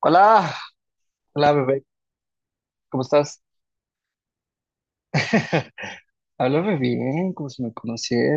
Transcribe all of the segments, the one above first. Hola, hola bebé, ¿cómo estás? Háblame bien, como si me conociera.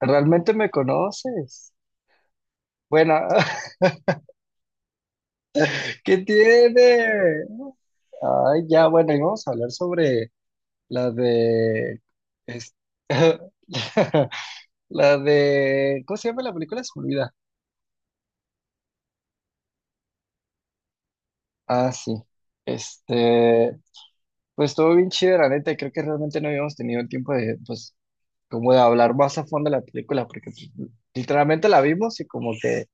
¿Realmente me conoces? Bueno, ¿qué tiene? Ay, ya, bueno, y vamos a hablar sobre la de... es- ¿Cómo se llama la película? Se me olvida. Ah, sí. Este, pues estuvo bien chida, la neta, y creo que realmente no habíamos tenido el tiempo de, pues, como de hablar más a fondo de la película, porque pues, literalmente la vimos y como que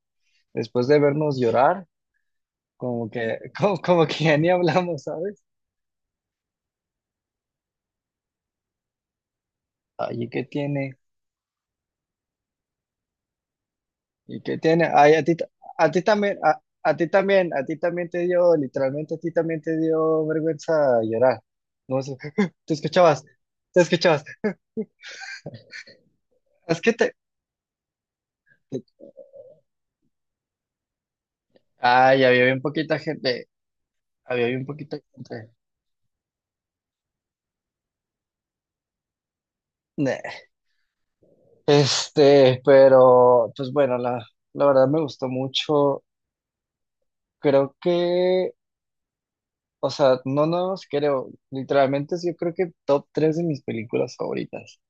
después de vernos llorar, como que, como que ya ni hablamos, ¿sabes? Ay, ¿y qué tiene? ¿Y qué tiene? Ay, a ti, a ti también, a ti también, a ti también te dio, literalmente a ti también te dio vergüenza llorar. No sé, te escuchabas, te escuchabas. Es que te- ay, había bien poquita gente, había bien poquita gente. Neh. Pero, pues bueno, la verdad me gustó mucho. Creo que, o sea, no nos creo, literalmente es yo creo que top 3 de mis películas favoritas.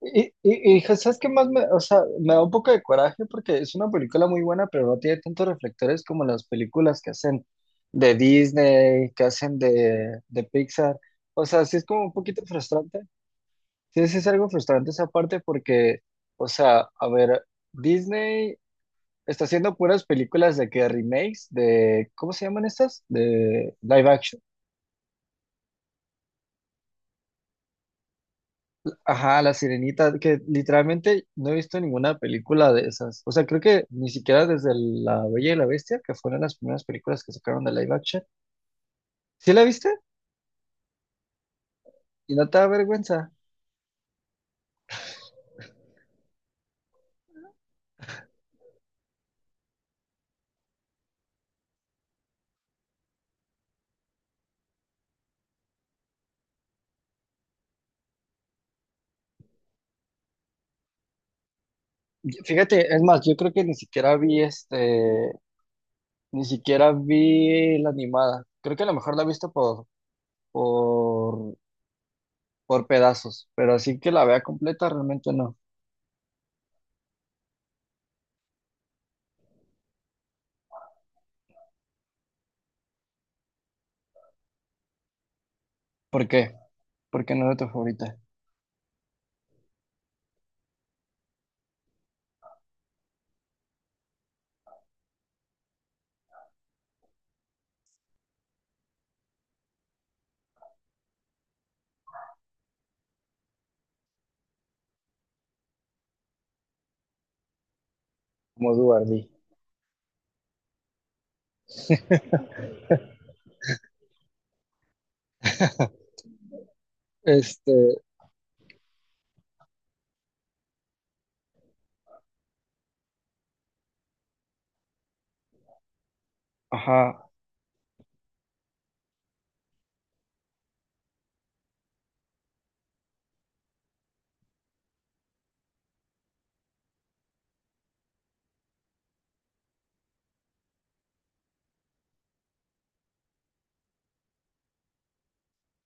Y pues, ¿sabes qué más me, o sea, me da un poco de coraje porque es una película muy buena, pero no tiene tantos reflectores como las películas que hacen de Disney, que hacen de Pixar. O sea, sí es como un poquito frustrante. Sí, sí es algo frustrante esa parte porque, o sea, a ver, Disney está haciendo puras películas de que remakes de, ¿cómo se llaman estas? De live action. Ajá, La Sirenita, que literalmente no he visto ninguna película de esas. O sea, creo que ni siquiera desde La Bella y la Bestia, que fueron las primeras películas que sacaron de live action. ¿Sí la viste? Y no te da vergüenza. Y fíjate, es más, yo creo que ni siquiera vi ni siquiera vi la animada. Creo que a lo mejor la he visto por, por, pedazos, pero así que la vea completa realmente no. ¿Por qué? Porque no era tu favorita, como Duardi. Este, ajá.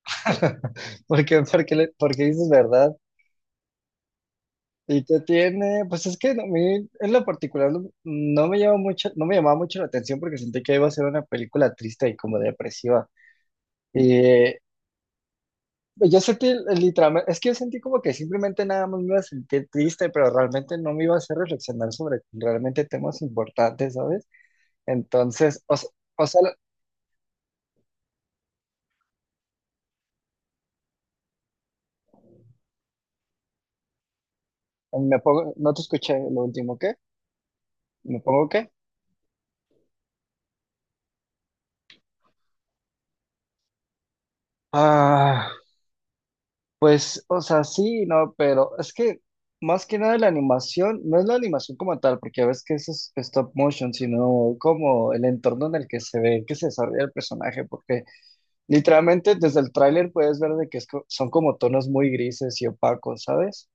Porque dices verdad. ¿Y qué tiene? Pues es que a mí, en lo particular, no no me llama mucho, no me llamaba mucho la atención porque sentí que iba a ser una película triste y como depresiva. Y yo sentí literalmente, es que yo sentí como que simplemente nada más me iba a sentir triste, pero realmente no me iba a hacer reflexionar sobre realmente temas importantes, ¿sabes? Entonces, o sea, me pongo, no te escuché lo último, ¿qué? ¿Me pongo qué? Ah. Pues, o sea, sí, no, pero es que más que nada la animación, no es la animación como tal, porque ves que eso es stop motion, sino como el entorno en el que se ve, que se desarrolla el personaje, porque literalmente desde el tráiler puedes ver de que son como tonos muy grises y opacos, ¿sabes?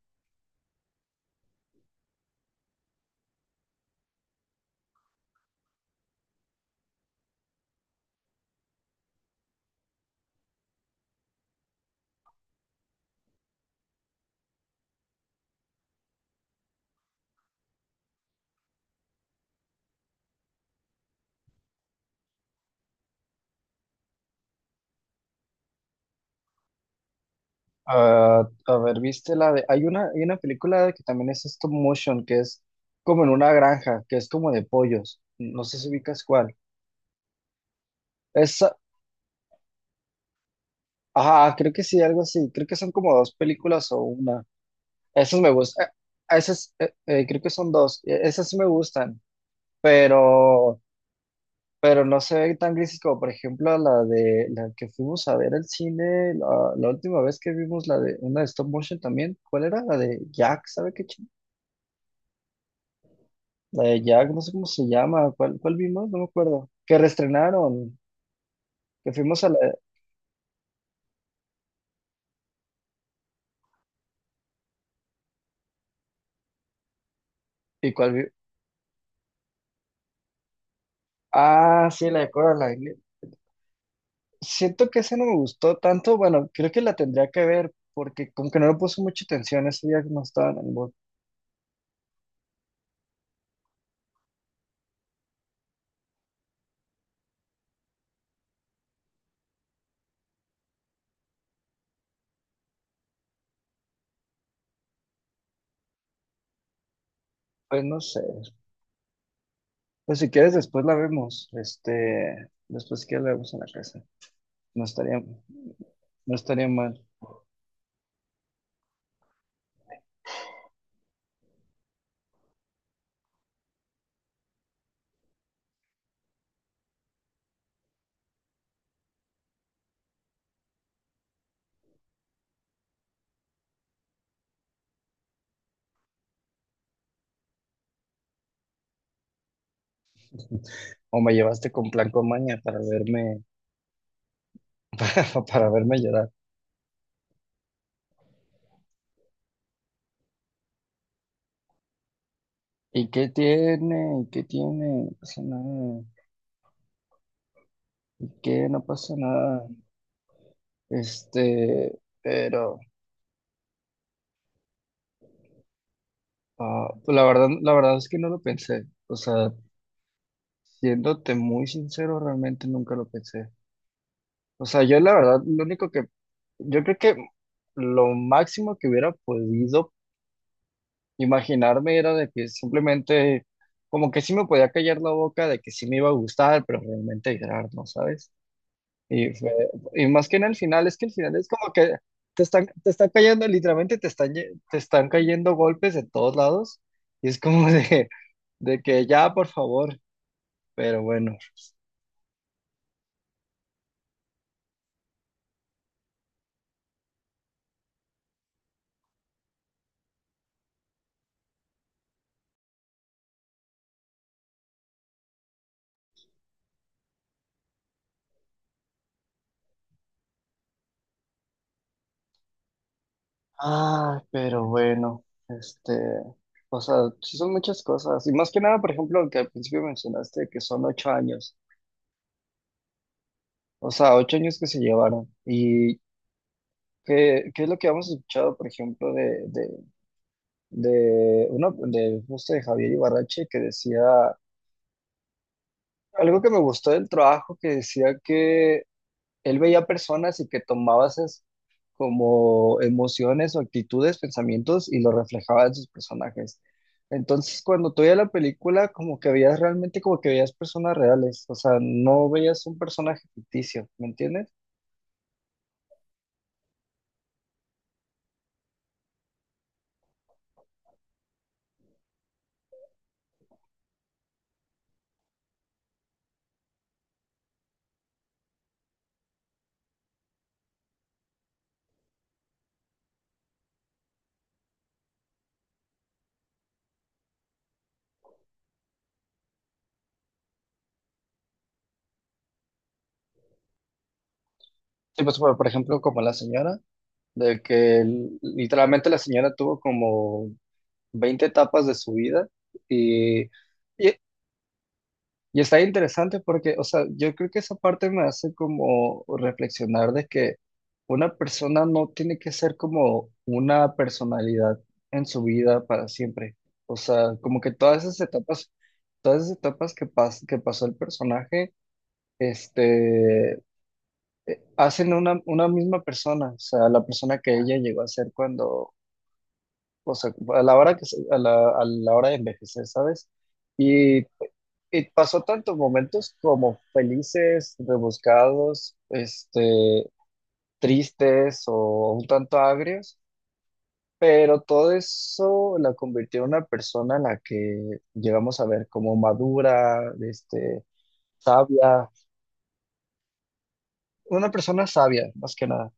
Ah, a ver, viste la de, hay una película que también es stop motion, que es como en una granja, que es como de pollos, no sé si ubicas cuál. Esa ajá, creo que sí, algo así, creo que son como dos películas o una. Esos me gustan. Esos, creo que son dos. Esas sí me gustan, pero, pero no se ven tan grises como, por ejemplo, la de la que fuimos a ver al cine, la última vez que vimos la de una de stop motion también. ¿Cuál era? La de Jack, ¿sabe qué ching? La de Jack, no sé cómo se llama. ¿Cuál vimos? No me acuerdo. Que reestrenaron, que fuimos a la. ¿Y cuál vi- Ah, sí, la de Coraline. Siento que esa no me gustó tanto. Bueno, creo que la tendría que ver porque como que no le puse mucha atención ese día que no estaba en el. Pues no sé. Pues si quieres después la vemos. Después si quieres la vemos en la casa. No estaría, no estaría mal. O me llevaste con plan con maña para verme, para verme llorar. ¿Y qué tiene? ¿Y qué tiene? No pasa nada. ¿Qué? No pasa nada. Pero ah, pues la verdad es que no lo pensé. O sea, siéndote muy sincero, realmente nunca lo pensé. O sea, yo la verdad, lo único que, yo creo que lo máximo que hubiera podido imaginarme era de que simplemente, como que sí me podía callar la boca de que sí me iba a gustar, pero realmente llorar, ¿no sabes? Y, fue- y más que en el final, es que el final es como que te están cayendo, literalmente te están cayendo golpes de todos lados, y es como de, que ya, por favor, pero bueno. Ah, pero bueno, este, o sea, sí son muchas cosas, y más que nada, por ejemplo, lo que al principio mencionaste, que son 8 años, o sea, 8 años que se llevaron, y qué es lo que hemos escuchado, por ejemplo, de, de, uno de justo de Javier Ibarrache que decía algo que me gustó del trabajo, que decía que él veía personas y que tomaba esas como emociones o actitudes, pensamientos y lo reflejaba en sus personajes? Entonces, cuando tú veías la película, como que veías realmente como que veías personas reales, o sea, no veías un personaje ficticio, ¿me entiendes? Sí, pues, por ejemplo, como la señora. De que literalmente la señora tuvo como 20 etapas de su vida y, y, y está interesante porque, o sea, yo creo que esa parte me hace como reflexionar de que una persona no tiene que ser como una personalidad en su vida para siempre. O sea, como que todas esas etapas que, que pasó el personaje, este, hacen una misma persona, o sea, la persona que ella llegó a ser cuando, o sea, a la hora que, a la hora de envejecer, ¿sabes? Y, y pasó tantos momentos como felices, rebuscados, tristes o un tanto agrios, pero todo eso la convirtió en una persona en la que llegamos a ver como madura, este, sabia, una persona sabia, más que nada.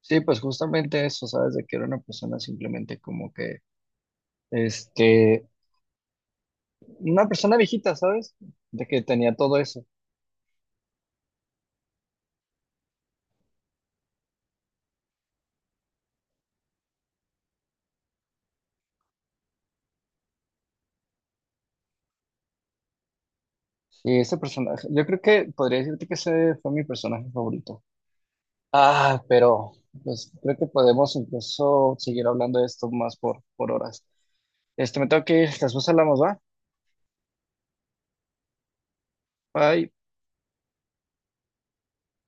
Sí, pues justamente eso, ¿sabes? De que era una persona simplemente como que, este, una persona viejita, ¿sabes? De que tenía todo eso. Y ese personaje, yo creo que podría decirte que ese fue mi personaje favorito. Ah, pero pues creo que podemos incluso seguir hablando de esto más por, horas. Me tengo que ir, después hablamos, ¿va? Bye.